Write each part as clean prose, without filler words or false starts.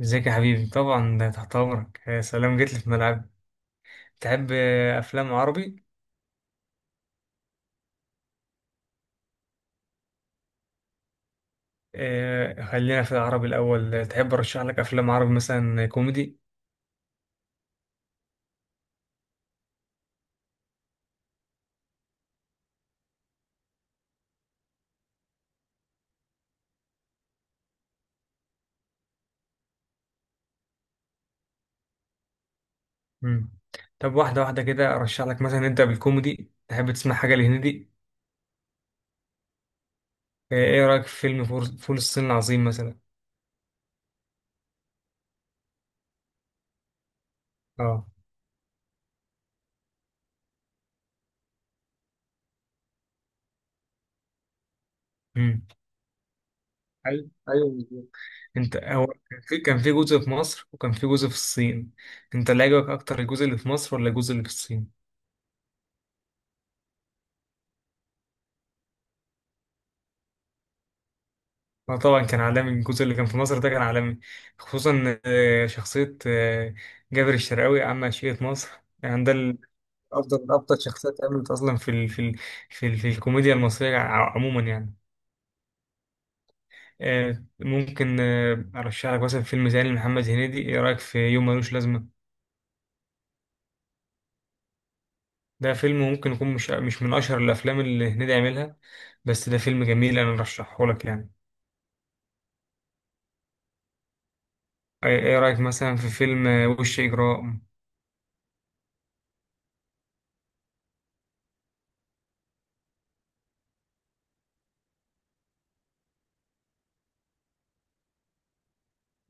ازيك يا حبيبي؟ طبعا، ده تحت امرك. يا سلام، جيت لي في ملعب. تحب افلام عربي؟ خلينا في العربي الاول. تحب ارشح لك افلام عربي مثلا كوميدي؟ مم. طب، واحده واحده كده ارشح لك. مثلا نبدا بالكوميدي. تحب تسمع حاجه لهندي؟ ايه رايك في فيلم فول الصين العظيم مثلا؟ اه، امم ايوه، ايوه، بالظبط. انت، هو كان في جزء في مصر، وكان في جزء في الصين. انت اللي عجبك اكتر الجزء اللي في مصر ولا الجزء اللي في الصين؟ اه، طبعا كان عالمي. الجزء اللي كان في مصر ده كان عالمي. خصوصا شخصية جابر الشرقاوي، عم عشية مصر. يعني أفضل شخصيات اتعملت أصلا في الكوميديا المصرية عموما يعني. ممكن أرشح لك مثلا فيلم زي لمحمد هنيدي. إيه رأيك في يوم ملوش لازمة؟ ده فيلم ممكن يكون مش من أشهر الأفلام اللي هنيدي عملها، بس ده فيلم جميل، أنا أرشحه لك يعني. إيه رأيك مثلا في فيلم وش إجرام؟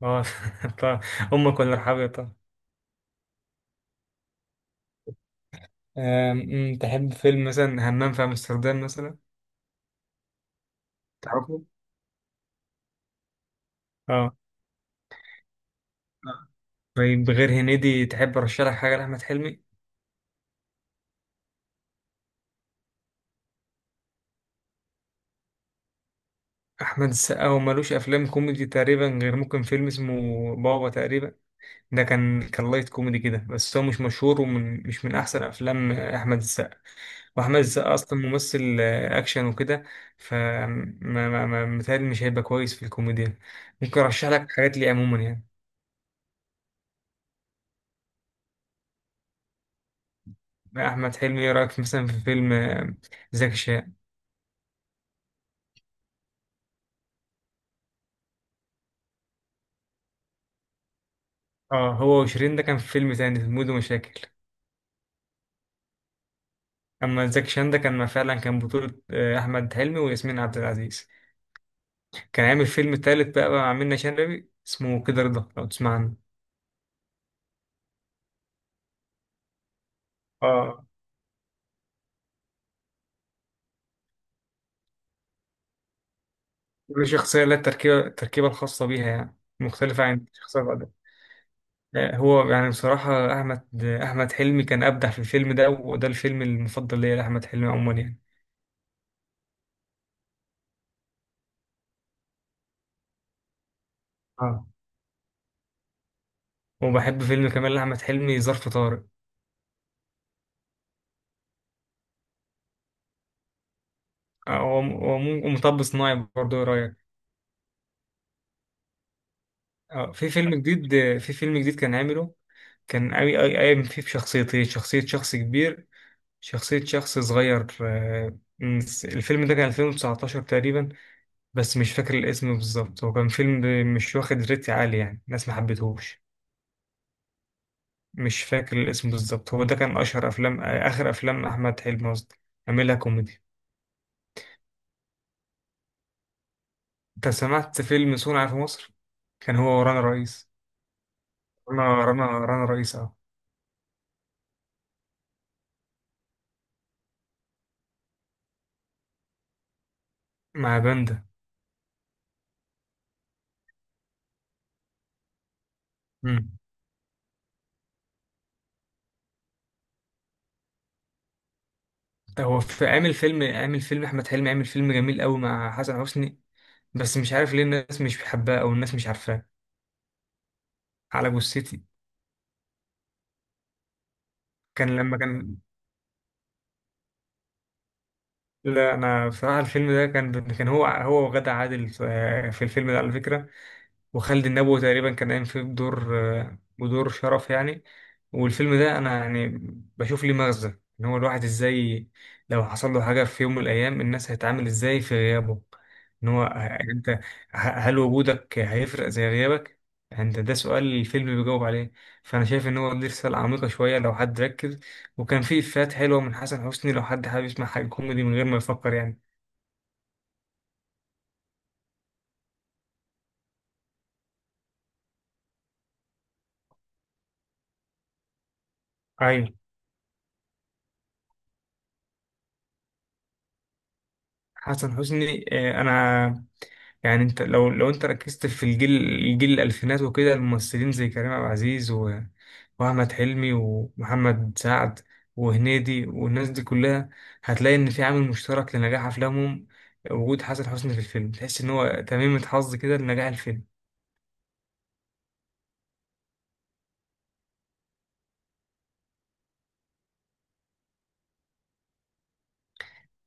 اه، طبعا. أمك ولا رحابية؟ طبعا. أم، أم، تحب فيلم مثلا همام في امستردام مثلا؟ تعرفه؟ اه. آه. طيب، غير هنيدي تحب ارشح لك حاجه لاحمد حلمي؟ احمد السقا هو ملوش افلام كوميدي تقريبا، غير ممكن فيلم اسمه بابا تقريبا. ده كان لايت كوميدي كده، بس هو مش مشهور مش من احسن افلام احمد السقا. واحمد السقا اصلا ممثل اكشن وكده. ف متهيألي مش هيبقى كويس في الكوميديا. ممكن ارشح لك حاجات ليه عموما يعني. احمد حلمي، ايه رايك مثلا في فيلم زكي شان؟ اه، هو وشيرين ده كان في فيلم تاني اسمه مود ومشاكل. اما زكي شان ده كان فعلا، كان بطولة احمد حلمي وياسمين عبد العزيز. كان عامل فيلم تالت بقى مع منة شلبي اسمه كده رضا، لو تسمع عنه. اه، كل شخصية لها التركيبة الخاصة بيها، يعني مختلفة عن الشخصية بعدها. هو يعني بصراحة أحمد حلمي كان أبدع في الفيلم ده، وده الفيلم المفضل ليا لأحمد حلمي عموما يعني. اه، وبحب فيلم كمان لأحمد حلمي، ظرف طارق. هو مطب صناعي برضه، إيه رأيك؟ اه، في فيلم جديد كان عامله. كان قوي قوي قايم فيه بشخصيتين، شخصية شخص كبير، شخصية شخص صغير. الفيلم ده كان 2019 تقريبا. بس مش فاكر الاسم بالظبط. هو كان فيلم مش واخد ريت عالي، يعني الناس ما حبتهوش. مش فاكر الاسم بالظبط. هو ده كان أشهر أفلام آخر أفلام أحمد حلمي قصدي، عاملها كوميدي. أنت سمعت فيلم صنع في مصر؟ كان هو ورانا رئيس. رنا، رنا، رنا رئيس، اه. مع باندا. هو في عامل فيلم احمد حلمي عامل فيلم جميل قوي مع حسن حسني. بس مش عارف ليه الناس مش بتحبها او الناس مش عارفاه، على جثتي. كان لما كان. لا، انا بصراحه الفيلم ده كان هو وغادة عادل في الفيلم ده على فكره. وخالد النبوي تقريبا كان قايم فيه بدور شرف يعني. والفيلم ده انا يعني بشوف ليه مغزى. ان هو الواحد ازاي لو حصل له حاجه في يوم من الايام، الناس هتتعامل ازاي في غيابه. ان هو انت هل وجودك هيفرق زي غيابك. انت ده سؤال الفيلم بيجاوب عليه. فانا شايف ان هو دي رساله عميقه شويه لو حد ركز. وكان فيه افيهات حلوه من حسن حسني، لو حد حابب يسمع حاجه كوميدي من غير ما يفكر يعني. ايوه. حسن حسني انا يعني انت لو انت ركزت في الجيل. الجيل الالفينات وكده. الممثلين زي كريم عبد العزيز واحمد حلمي ومحمد سعد وهنيدي والناس دي كلها، هتلاقي ان في عامل مشترك لنجاح افلامهم. وجود حسن حسني في الفيلم، تحس ان هو تميمة حظ كده لنجاح الفيلم.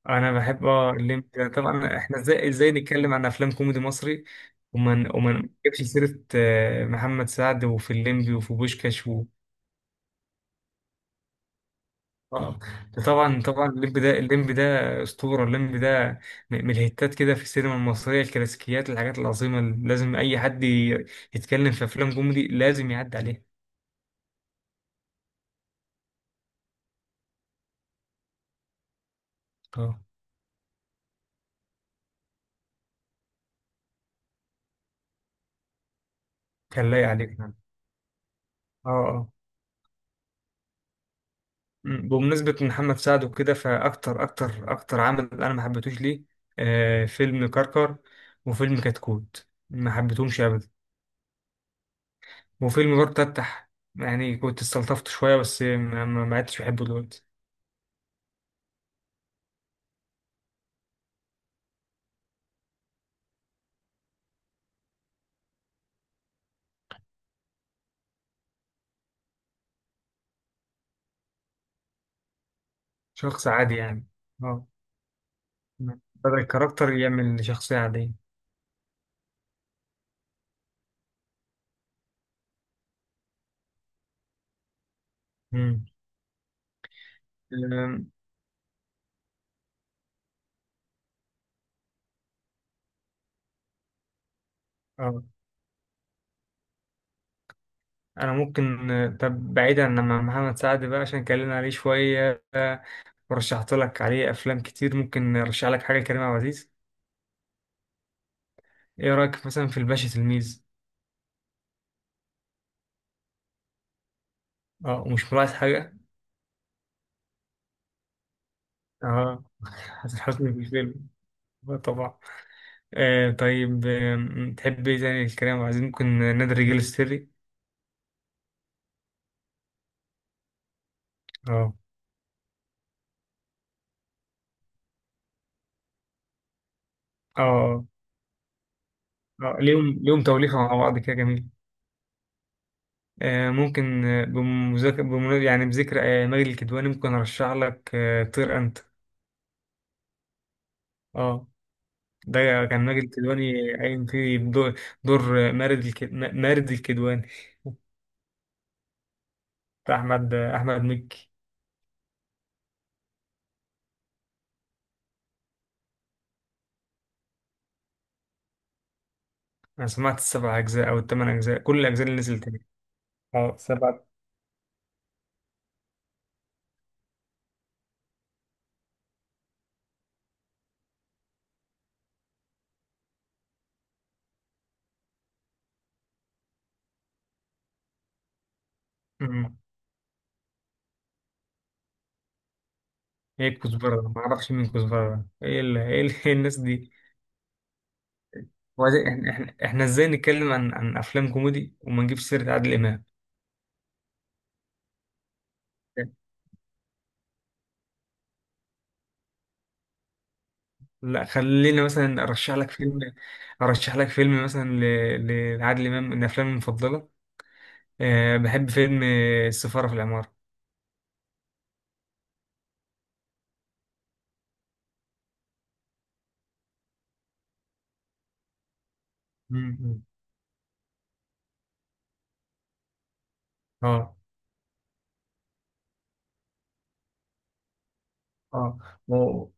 انا بحب الليمبي طبعا. احنا ازاي نتكلم عن افلام كوميدي مصري ومن نجيبش سيرة محمد سعد وفي الليمبي وفي بوشكاش؟ اه، ده طبعا طبعا الليمب ده اسطوره، الليمب ده من الهيتات كده في السينما المصريه، الكلاسيكيات، الحاجات العظيمه اللي لازم اي حد يتكلم في افلام كوميدي لازم يعدي عليها. اه، كان لايق عليك فعلا. اه، اه. بمناسبه محمد سعد وكده. فاكتر اكتر اكتر عمل انا ما حبيتهوش ليه؟ آه، فيلم كركر وفيلم كتكوت ما حبيتهمش ابدا. وفيلم برضه تفتح، يعني كنت استلطفت شويه، بس ما عدتش بحبه دلوقتي. شخص عادي يعني. اه، بدأ الكاركتر يعمل شخصية عادية. مم. أم، اه، أنا ممكن طب بعيدا عن مع محمد سعد بقى، عشان اتكلمنا عليه شوية ورشحت لك عليه أفلام كتير. ممكن أرشح لك حاجة كريم عبد العزيز؟ إيه رأيك مثلا في الباشا تلميذ؟ اه، ومش ملاحظ حاجة؟ اه. حسن حسني في الفيلم طبعا. آه، طيب. تحب إيه تاني لكريم عبد العزيز؟ ممكن نادي الرجال السري؟ اه، اه. ليهم توليفة مع بعض كده، جميل. ممكن بمذاكرة بمنا- يعني بذكر ماجد الكدواني، ممكن أرشح لك طير أنت. اه، ده كان ماجد الكدواني قايم فيه بدور مارد الكدواني. بتاع أحمد مكي. أنا سمعت السبع أجزاء أو الثمان أجزاء، كل الأجزاء اللي نزلت تاني. اه، سبع. مم. ايه الكزبرة ده؟ معرفش مين كزبرة ده. إيه الناس دي؟ وبعدين، احنا احنا إحنا ازاي نتكلم عن افلام كوميدي وما نجيبش سيرة عادل امام؟ لا خلينا مثلا، ارشح لك فيلم مثلا لعادل امام من افلامي المفضله. أه، بحب فيلم السفاره في العماره. مم. اه، اه، و-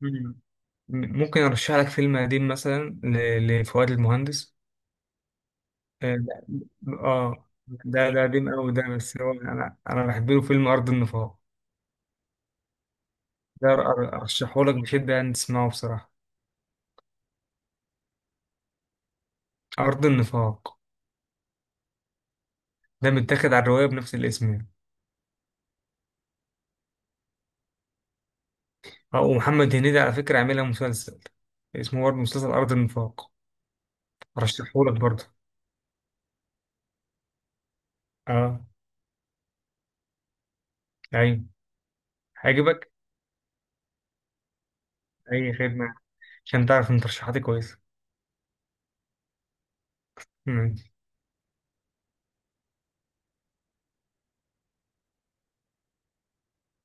مم. ممكن ارشح لك فيلم قديم مثلا لفؤاد المهندس. اه، ده قديم قوي ده، بس هو انا بحب له فيلم ارض النفاق. ده ارشحه لك بشده ان تسمعه بصراحه. ارض النفاق ده متاخد على الروايه بنفس الاسم يعني. اه، ومحمد هنيدي على فكرة عاملها مسلسل، اسمه برضه مسلسل أرض النفاق. أرشحهولك برضه. اه. أيوة، هيعجبك. أي خدمة، عشان تعرف إن ترشيحاتي كويسة. مم.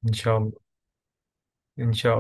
إن شاء الله. إن شاء الله.